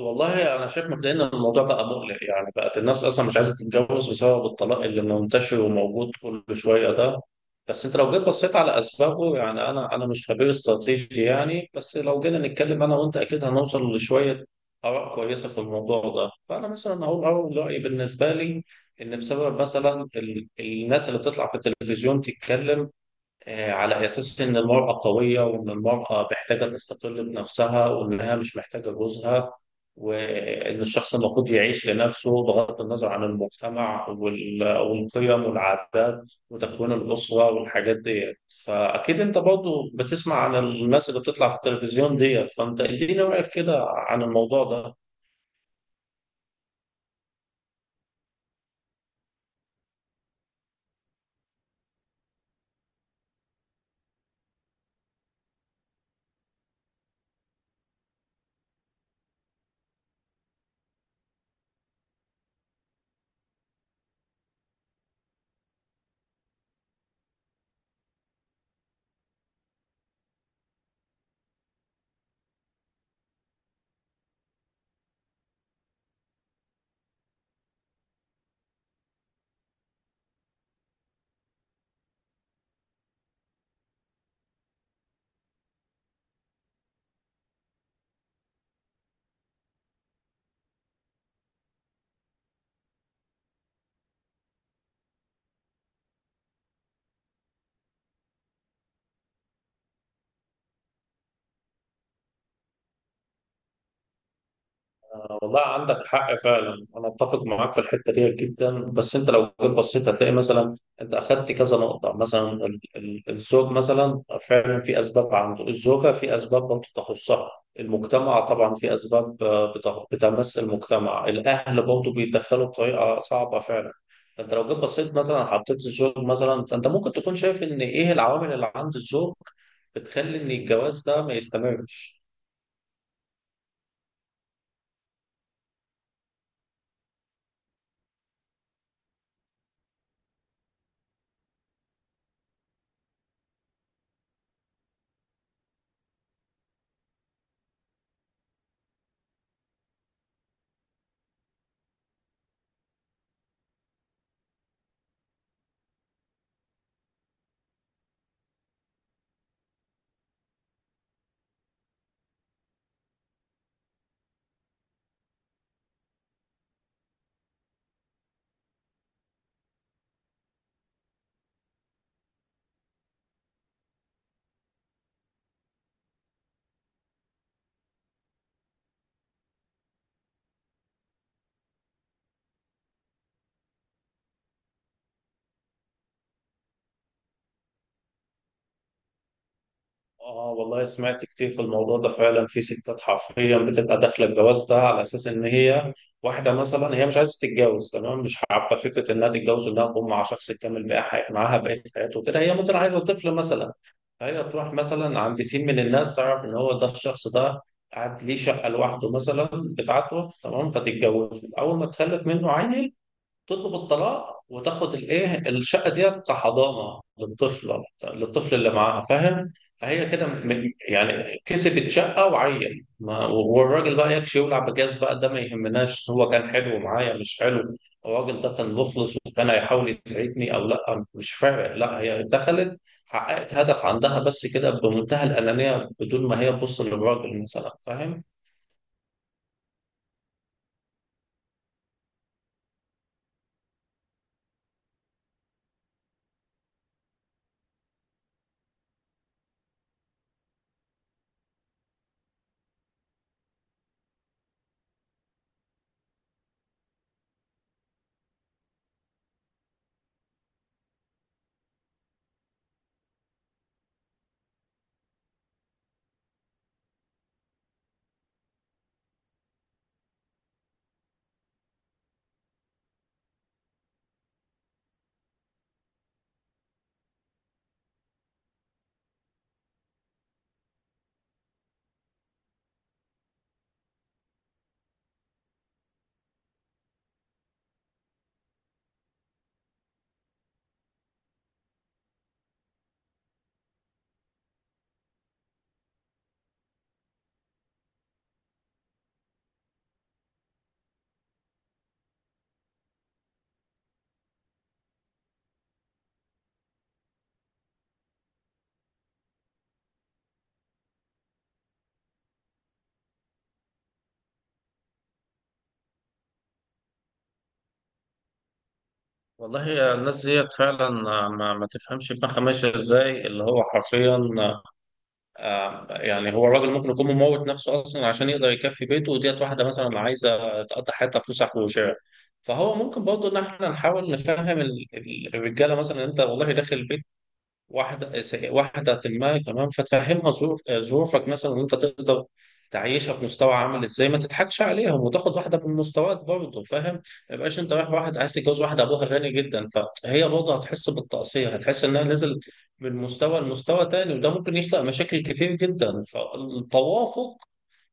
والله انا شايف مبدئيا ان الموضوع بقى مقلق. يعني بقت الناس اصلا مش عايزه تتجوز بسبب الطلاق اللي منتشر وموجود كل شويه ده. بس انت لو جيت بصيت على اسبابه، يعني انا مش خبير استراتيجي يعني، بس لو جينا نتكلم انا وانت اكيد هنوصل لشويه اراء كويسه في الموضوع ده. فانا مثلا هقول اول رايي بالنسبه لي. ان بسبب مثلا الناس اللي بتطلع في التلفزيون تتكلم، على أساس إن المرأة قوية وإن المرأة محتاجة تستقل بنفسها وإنها مش محتاجة جوزها، وإن الشخص المفروض يعيش لنفسه بغض النظر عن المجتمع والقيم والعادات وتكوين الأسرة والحاجات ديت. فأكيد أنت برضو بتسمع عن الناس اللي بتطلع في التلفزيون ديت، فأنت إديني رأيك كده عن الموضوع ده. والله عندك حق فعلا، انا اتفق معاك في الحته دي جدا. بس انت لو جيت بصيت هتلاقي مثلا انت اخدت كذا نقطه. مثلا الزوج مثلا فعلا في اسباب عنده، الزوجه في اسباب برضه تخصها، المجتمع طبعا في اسباب بتمس المجتمع، الاهل برضه بيتدخلوا بطريقه صعبه فعلا. فانت لو جيت بصيت مثلا حطيت الزوج مثلا، فانت ممكن تكون شايف ان ايه العوامل اللي عند الزوج بتخلي ان الجواز ده ما يستمرش. اه والله سمعت كتير في الموضوع ده. فعلا في ستات حرفيا بتبقى داخله الجواز ده على اساس ان هي واحده مثلا، هي مش عايزه تتجوز تمام، مش حابه فكره انها تتجوز، انها تقوم مع شخص تكمل بقى معاها بقيه حياته كده. هي ممكن عايزه طفل مثلا، فهي تروح مثلا عند سين من الناس تعرف ان هو ده الشخص ده قاعد ليه شقه لوحده مثلا بتاعته تمام، فتتجوزه. اول ما تخلف منه عيل تطلب الطلاق وتاخد الايه الشقه ديت كحضانه للطفله، للطفل اللي معاها، فاهم؟ فهي كده يعني كسبت شقه وعين ما، والراجل بقى يكشي يولع بجاز، بقى ده ما يهمناش. هو كان حلو معايا مش حلو، الراجل ده كان مخلص وكان هيحاول يسعدني او لا، مش فارق. لا، هي دخلت حققت هدف عندها بس كده، بمنتهى الانانيه، بدون ما هي تبص للراجل مثلا، فاهم؟ والله يا الناس ديت فعلا ما, ما تفهمش دماغها ماشيه ازاي. اللي هو حرفيا يعني هو الراجل ممكن يكون مموت نفسه اصلا عشان يقدر يكفي بيته، وديت واحده مثلا عايزه تقضي حياتها فسح وشراء. فهو ممكن برضه ان احنا نحاول نفهم الرجاله. مثلا انت والله داخل واحدة واحدة ما كمان، فتفهمها ظروفك مثلا وانت تقدر تعيشها بمستوى عامل ازاي، ما تضحكش عليهم وتاخد واحدة من مستواك برضه، فاهم؟ ما يبقاش انت رايح واحد عايز تتجوز واحدة ابوها غني جدا، فهي برضه هتحس بالتقصير، هتحس انها نزل من مستوى لمستوى تاني، وده ممكن يخلق مشاكل كتير جدا. فالتوافق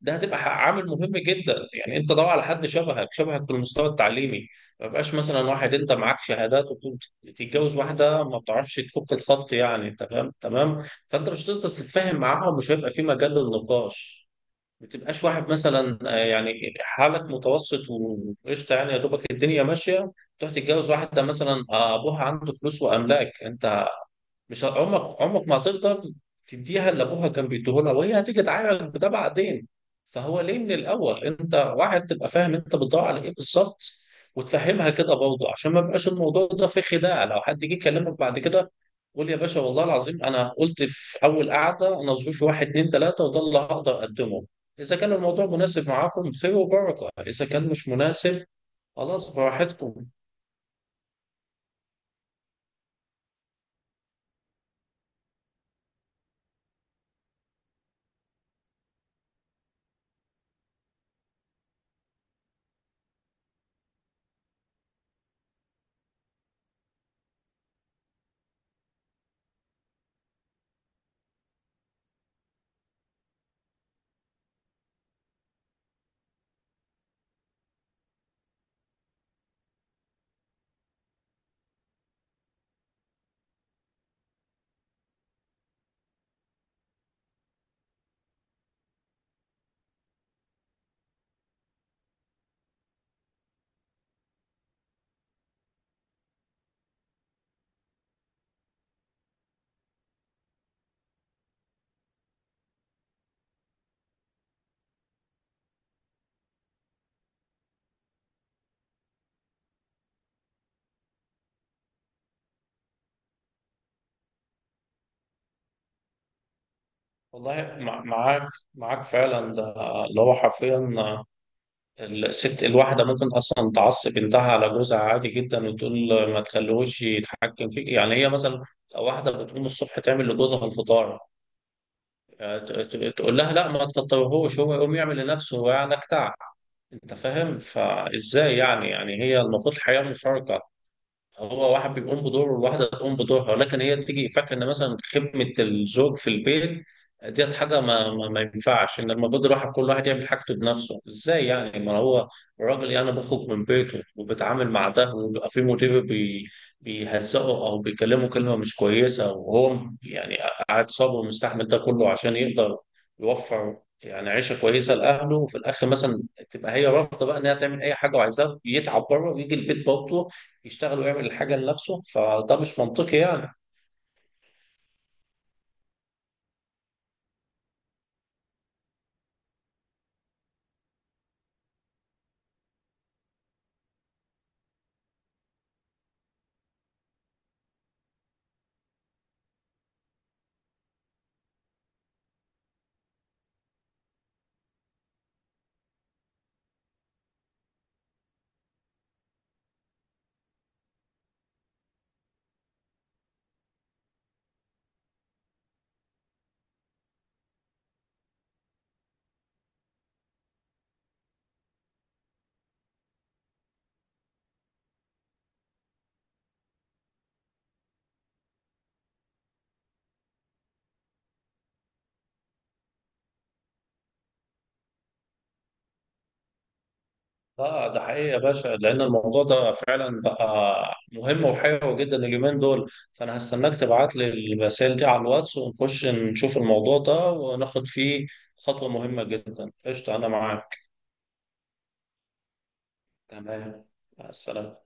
ده هتبقى عامل مهم جدا. يعني انت دور على حد شبهك، شبهك في المستوى التعليمي. ما بقاش مثلا واحد انت معاك شهادات وتقوم تتجوز واحده ما بتعرفش تفك الخط يعني. تمام تمام؟ فانت مش هتقدر تتفاهم معاها ومش هيبقى في مجال للنقاش. ما تبقاش واحد مثلا يعني حالك متوسط وقشطه يعني، يا دوبك الدنيا ماشيه، تروح تتجوز واحده مثلا ابوها عنده فلوس واملاك. انت مش عمرك عمرك ما هتقدر تديها اللي ابوها كان بيديهولها، وهي هتيجي تعايرك بده بعدين. فهو ليه من الاول؟ انت واحد تبقى فاهم انت بتدور على ايه بالظبط، وتفهمها كده برضه، عشان ما يبقاش الموضوع ده فيه خداع. لو حد جه يكلمك بعد كده قول يا باشا والله العظيم انا قلت في اول قعده، انا ظروفي واحد اتنين تلاته وده اللي هقدر اقدمه. اذا كان الموضوع مناسب معاكم خير وبركه، اذا كان مش مناسب خلاص براحتكم. والله معاك فعلا. ده اللي هو حرفيا، الست الواحدة ممكن أصلا تعصب بنتها على جوزها عادي جدا وتقول ما تخليهوش يتحكم فيك. يعني هي مثلا واحدة بتقوم الصبح تعمل لجوزها الفطار، يعني تقول لها لا ما تفطرهوش، هو يقوم يعمل لنفسه هو، يعني جدع. أنت فاهم؟ فإزاي يعني هي المفروض الحياة مشاركة، هو واحد بيقوم بدوره والواحدة تقوم بدورها. ولكن هي تيجي فاكرة إن مثلا خدمة الزوج في البيت ديت حاجة ما ينفعش. إن المفروض الواحد كل واحد يعمل حاجته بنفسه. إزاي يعني؟ ما هو الراجل يعني بيخرج من بيته وبيتعامل مع ده، وبيبقى في مدير بيهزقه أو بيكلمه كلمة مش كويسة، وهو يعني قاعد صابر ومستحمل ده كله عشان يقدر يوفر يعني عيشة كويسة لأهله. وفي الآخر مثلا تبقى هي رافضة بقى إنها تعمل أي حاجة، وعايزاه يتعب بره ويجي البيت برضه يشتغل ويعمل الحاجة لنفسه. فده مش منطقي يعني. اه ده حقيقي يا باشا، لأن الموضوع ده فعلا بقى مهم وحيوي جدا اليومين دول. فأنا هستناك تبعت لي الرسائل دي على الواتس ونخش نشوف الموضوع ده وناخد فيه خطوة مهمة جدا. قشطة، أنا معاك. تمام، مع السلامة.